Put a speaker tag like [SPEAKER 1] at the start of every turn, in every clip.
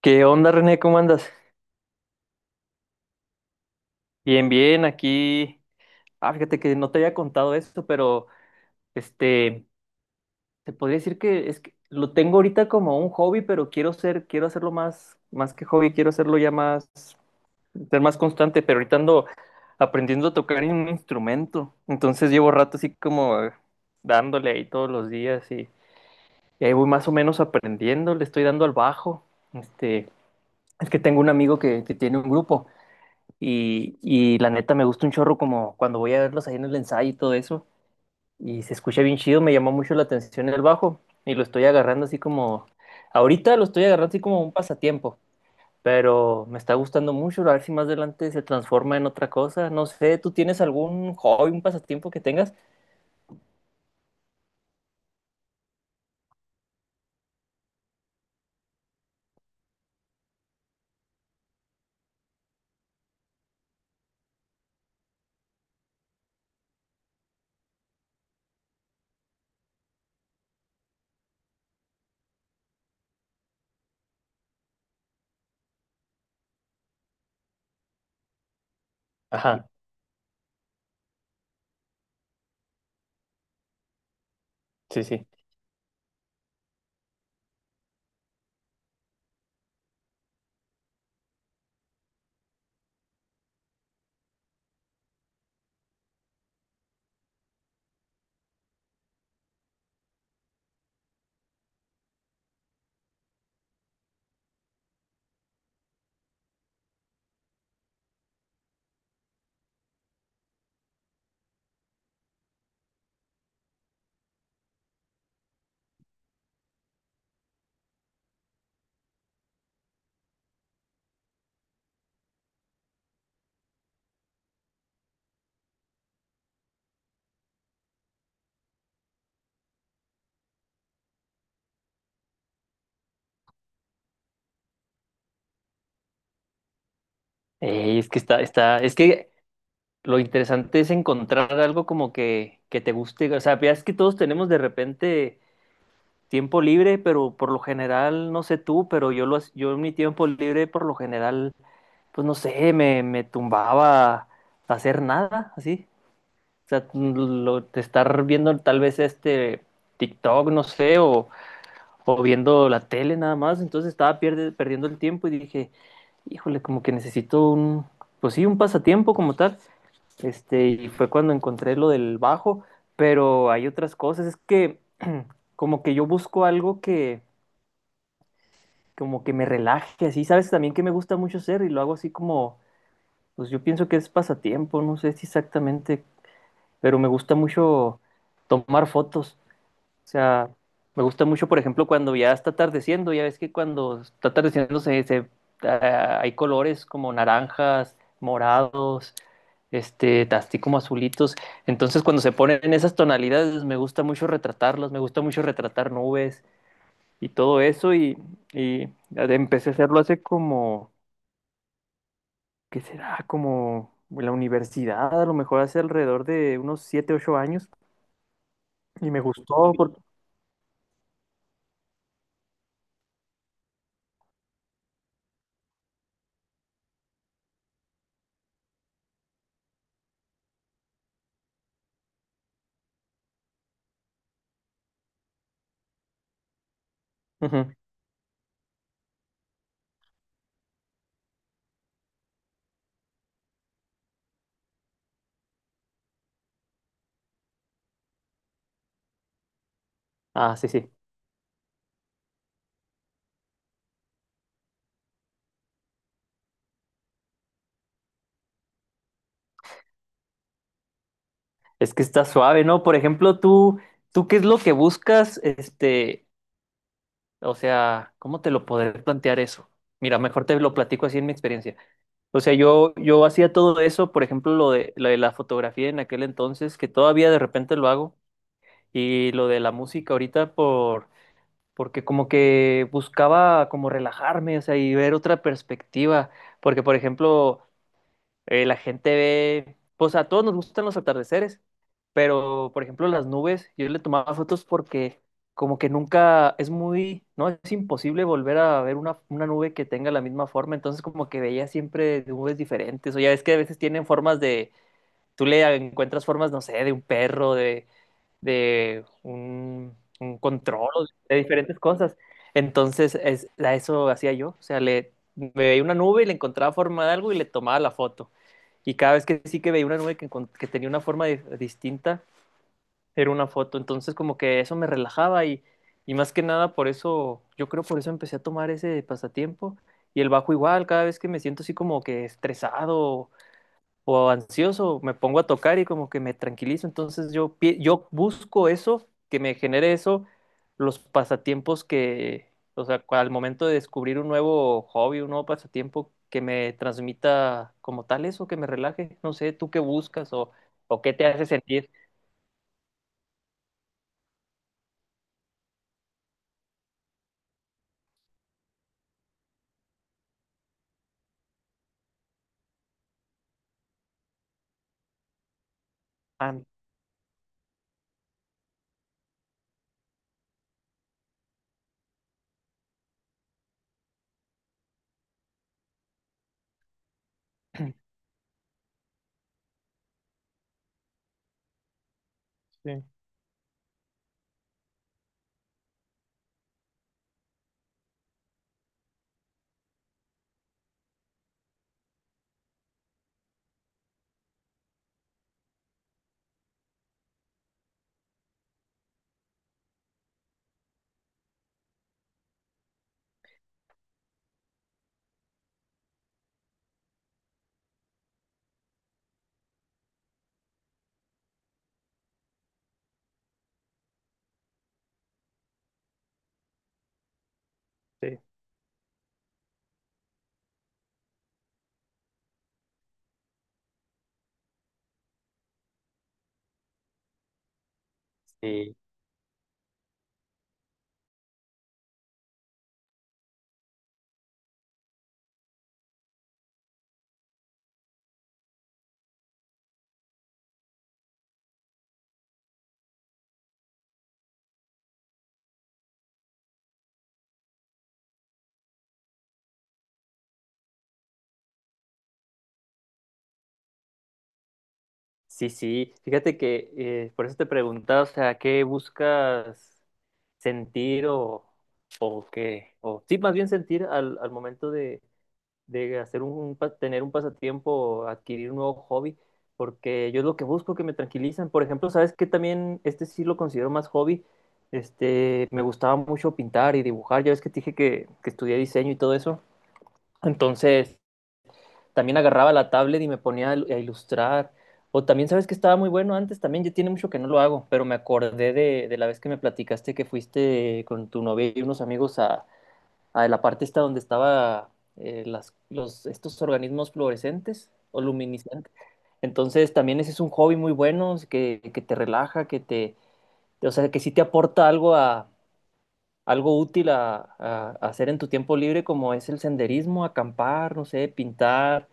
[SPEAKER 1] ¿Qué onda, René? ¿Cómo andas? Bien, bien, aquí. Ah, fíjate que no te había contado esto, pero este, te podría decir que es que lo tengo ahorita como un hobby, pero quiero ser, quiero hacerlo más, más que hobby, quiero hacerlo ya más, ser más constante, pero ahorita ando aprendiendo a tocar en un instrumento. Entonces llevo rato así como dándole ahí todos los días y ahí voy más o menos aprendiendo, le estoy dando al bajo. Este, es que tengo un amigo que tiene un grupo. Y la neta me gusta un chorro como cuando voy a verlos ahí en el ensayo y todo eso. Y se escucha bien chido, me llamó mucho la atención el bajo. Y lo estoy agarrando así como... Ahorita lo estoy agarrando así como un pasatiempo. Pero me está gustando mucho, a ver si más adelante se transforma en otra cosa. No sé, ¿tú tienes algún hobby, un pasatiempo que tengas? Ajá, sí, sí. Ey, es que lo interesante es encontrar algo como que te guste. O sea, veas que todos tenemos de repente tiempo libre, pero por lo general, no sé tú, pero yo en mi tiempo libre, por lo general, pues no sé, me tumbaba a hacer nada, así. O sea, mm, de estar viendo tal vez TikTok, no sé, o viendo la tele nada más. Entonces estaba perdiendo el tiempo y dije, híjole, como que necesito un, pues sí, un pasatiempo como tal. Y fue cuando encontré lo del bajo, pero hay otras cosas. Es que como que yo busco algo que, como que me relaje, así, sabes también que me gusta mucho hacer y lo hago así como, pues yo pienso que es pasatiempo, no sé si exactamente, pero me gusta mucho tomar fotos, o sea, me gusta mucho, por ejemplo, cuando ya está atardeciendo, ya ves que cuando está ah, hay colores como naranjas, morados, así como azulitos, entonces cuando se ponen en esas tonalidades me gusta mucho retratarlas, me gusta mucho retratar nubes y todo y empecé a hacerlo hace como ¿qué será? Como la universidad, a lo mejor hace alrededor de unos 7 u 8 años. Y me gustó porque... Ujú. Ah, sí, sí. Es que está suave, ¿no? Por ejemplo, tú, ¿tú qué es lo que buscas? O sea, ¿cómo te lo podré plantear eso? Mira, mejor te lo platico así en mi experiencia. O sea, yo hacía todo eso, por ejemplo, lo de la fotografía en aquel entonces, que todavía de repente lo hago, y lo de la música ahorita porque como que buscaba como relajarme, o sea, y ver otra perspectiva, porque por ejemplo, la gente ve, pues a todos nos gustan los atardeceres, pero por ejemplo las nubes, yo le tomaba fotos porque como que nunca es muy, no, es imposible volver a ver una nube que tenga la misma forma, entonces como que veía siempre nubes diferentes, o ya ves que a veces tienen formas tú le encuentras formas, no sé, de un perro, un control, o de diferentes cosas. Entonces, es, a eso hacía yo. O sea, le, me veía una nube y le encontraba forma de algo y le tomaba la foto. Y cada vez que sí que veía una nube que tenía una forma distinta, era una foto. Entonces, como que eso me relajaba, y más que nada por eso, yo creo por eso empecé a tomar ese pasatiempo. Y el bajo igual, cada vez que me siento así como que estresado o ansioso, me pongo a tocar y como que me tranquilizo. Entonces yo busco eso, que me genere eso, los pasatiempos que, o sea, al momento de descubrir un nuevo hobby, un nuevo pasatiempo, que me transmita como tal eso, que me relaje. No sé, ¿tú qué buscas o qué te hace sentir? Ah, sí, sí. Sí, sí, sí. Fíjate que por eso te preguntaba, o sea, ¿qué buscas sentir o qué? O, sí, más bien sentir al momento de hacer un, tener un pasatiempo, adquirir un nuevo hobby, porque yo es lo que busco, que me tranquilizan. Por ejemplo, ¿sabes qué? También este sí lo considero más hobby. Me gustaba mucho pintar y dibujar. Ya ves que te dije que estudié diseño y todo eso. Entonces, también agarraba la tablet y me ponía a ilustrar. O también, ¿sabes que estaba muy bueno antes? También ya tiene mucho que no lo hago, pero me acordé de la vez que me platicaste que fuiste con tu novia y unos amigos a la parte esta donde estaba estos organismos fluorescentes o luminiscentes. Entonces también ese es un hobby muy bueno es que te relaja, que te, o sea, que sí te aporta algo a, algo útil a hacer en tu tiempo libre, como es el senderismo, acampar, no sé, pintar,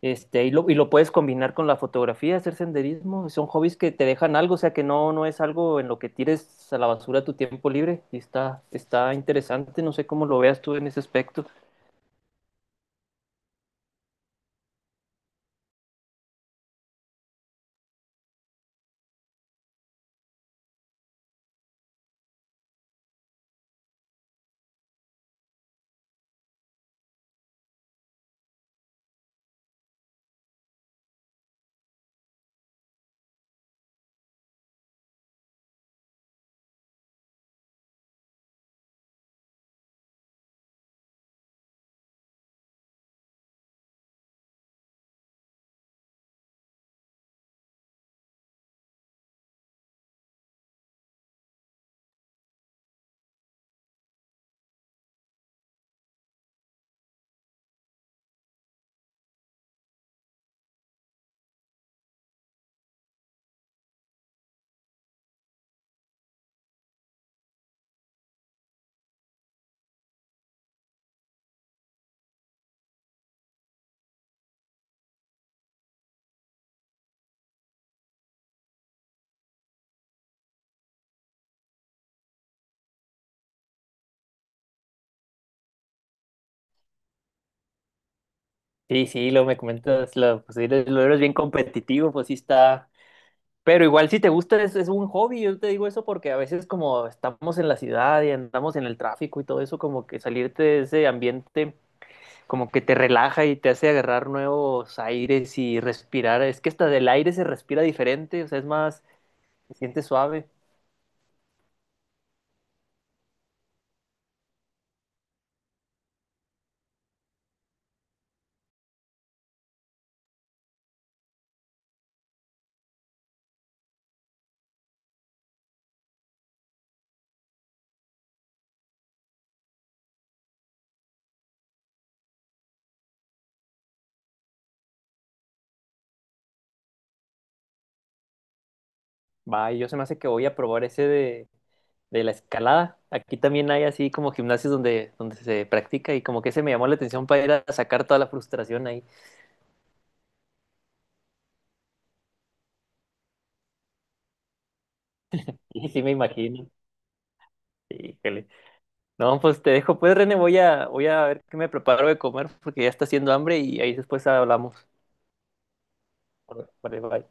[SPEAKER 1] y lo puedes combinar con la fotografía, hacer senderismo. Son hobbies que te dejan algo, o sea que no, no es algo en lo que tires a la basura tu tiempo libre. Está interesante, no sé cómo lo veas tú en ese aspecto. Sí, sí, lo me comentas, pues eres, lo eres bien competitivo, pues sí está. Pero igual si te gusta es un hobby, yo te digo eso porque a veces como estamos en la ciudad y andamos en el tráfico y todo eso, como que salirte de ese ambiente como que te relaja y te hace agarrar nuevos aires y respirar. Es que hasta del aire se respira diferente, o sea, es más, se siente suave. Va, y yo se me hace que voy a probar de la escalada. Aquí también hay así como gimnasios donde, donde se practica y como que ese me llamó la atención para ir a sacar toda la frustración ahí. Sí, sí me imagino. Híjole. No, pues te dejo, pues René, voy a ver qué me preparo de comer porque ya está haciendo hambre y ahí después hablamos. Vale, bye.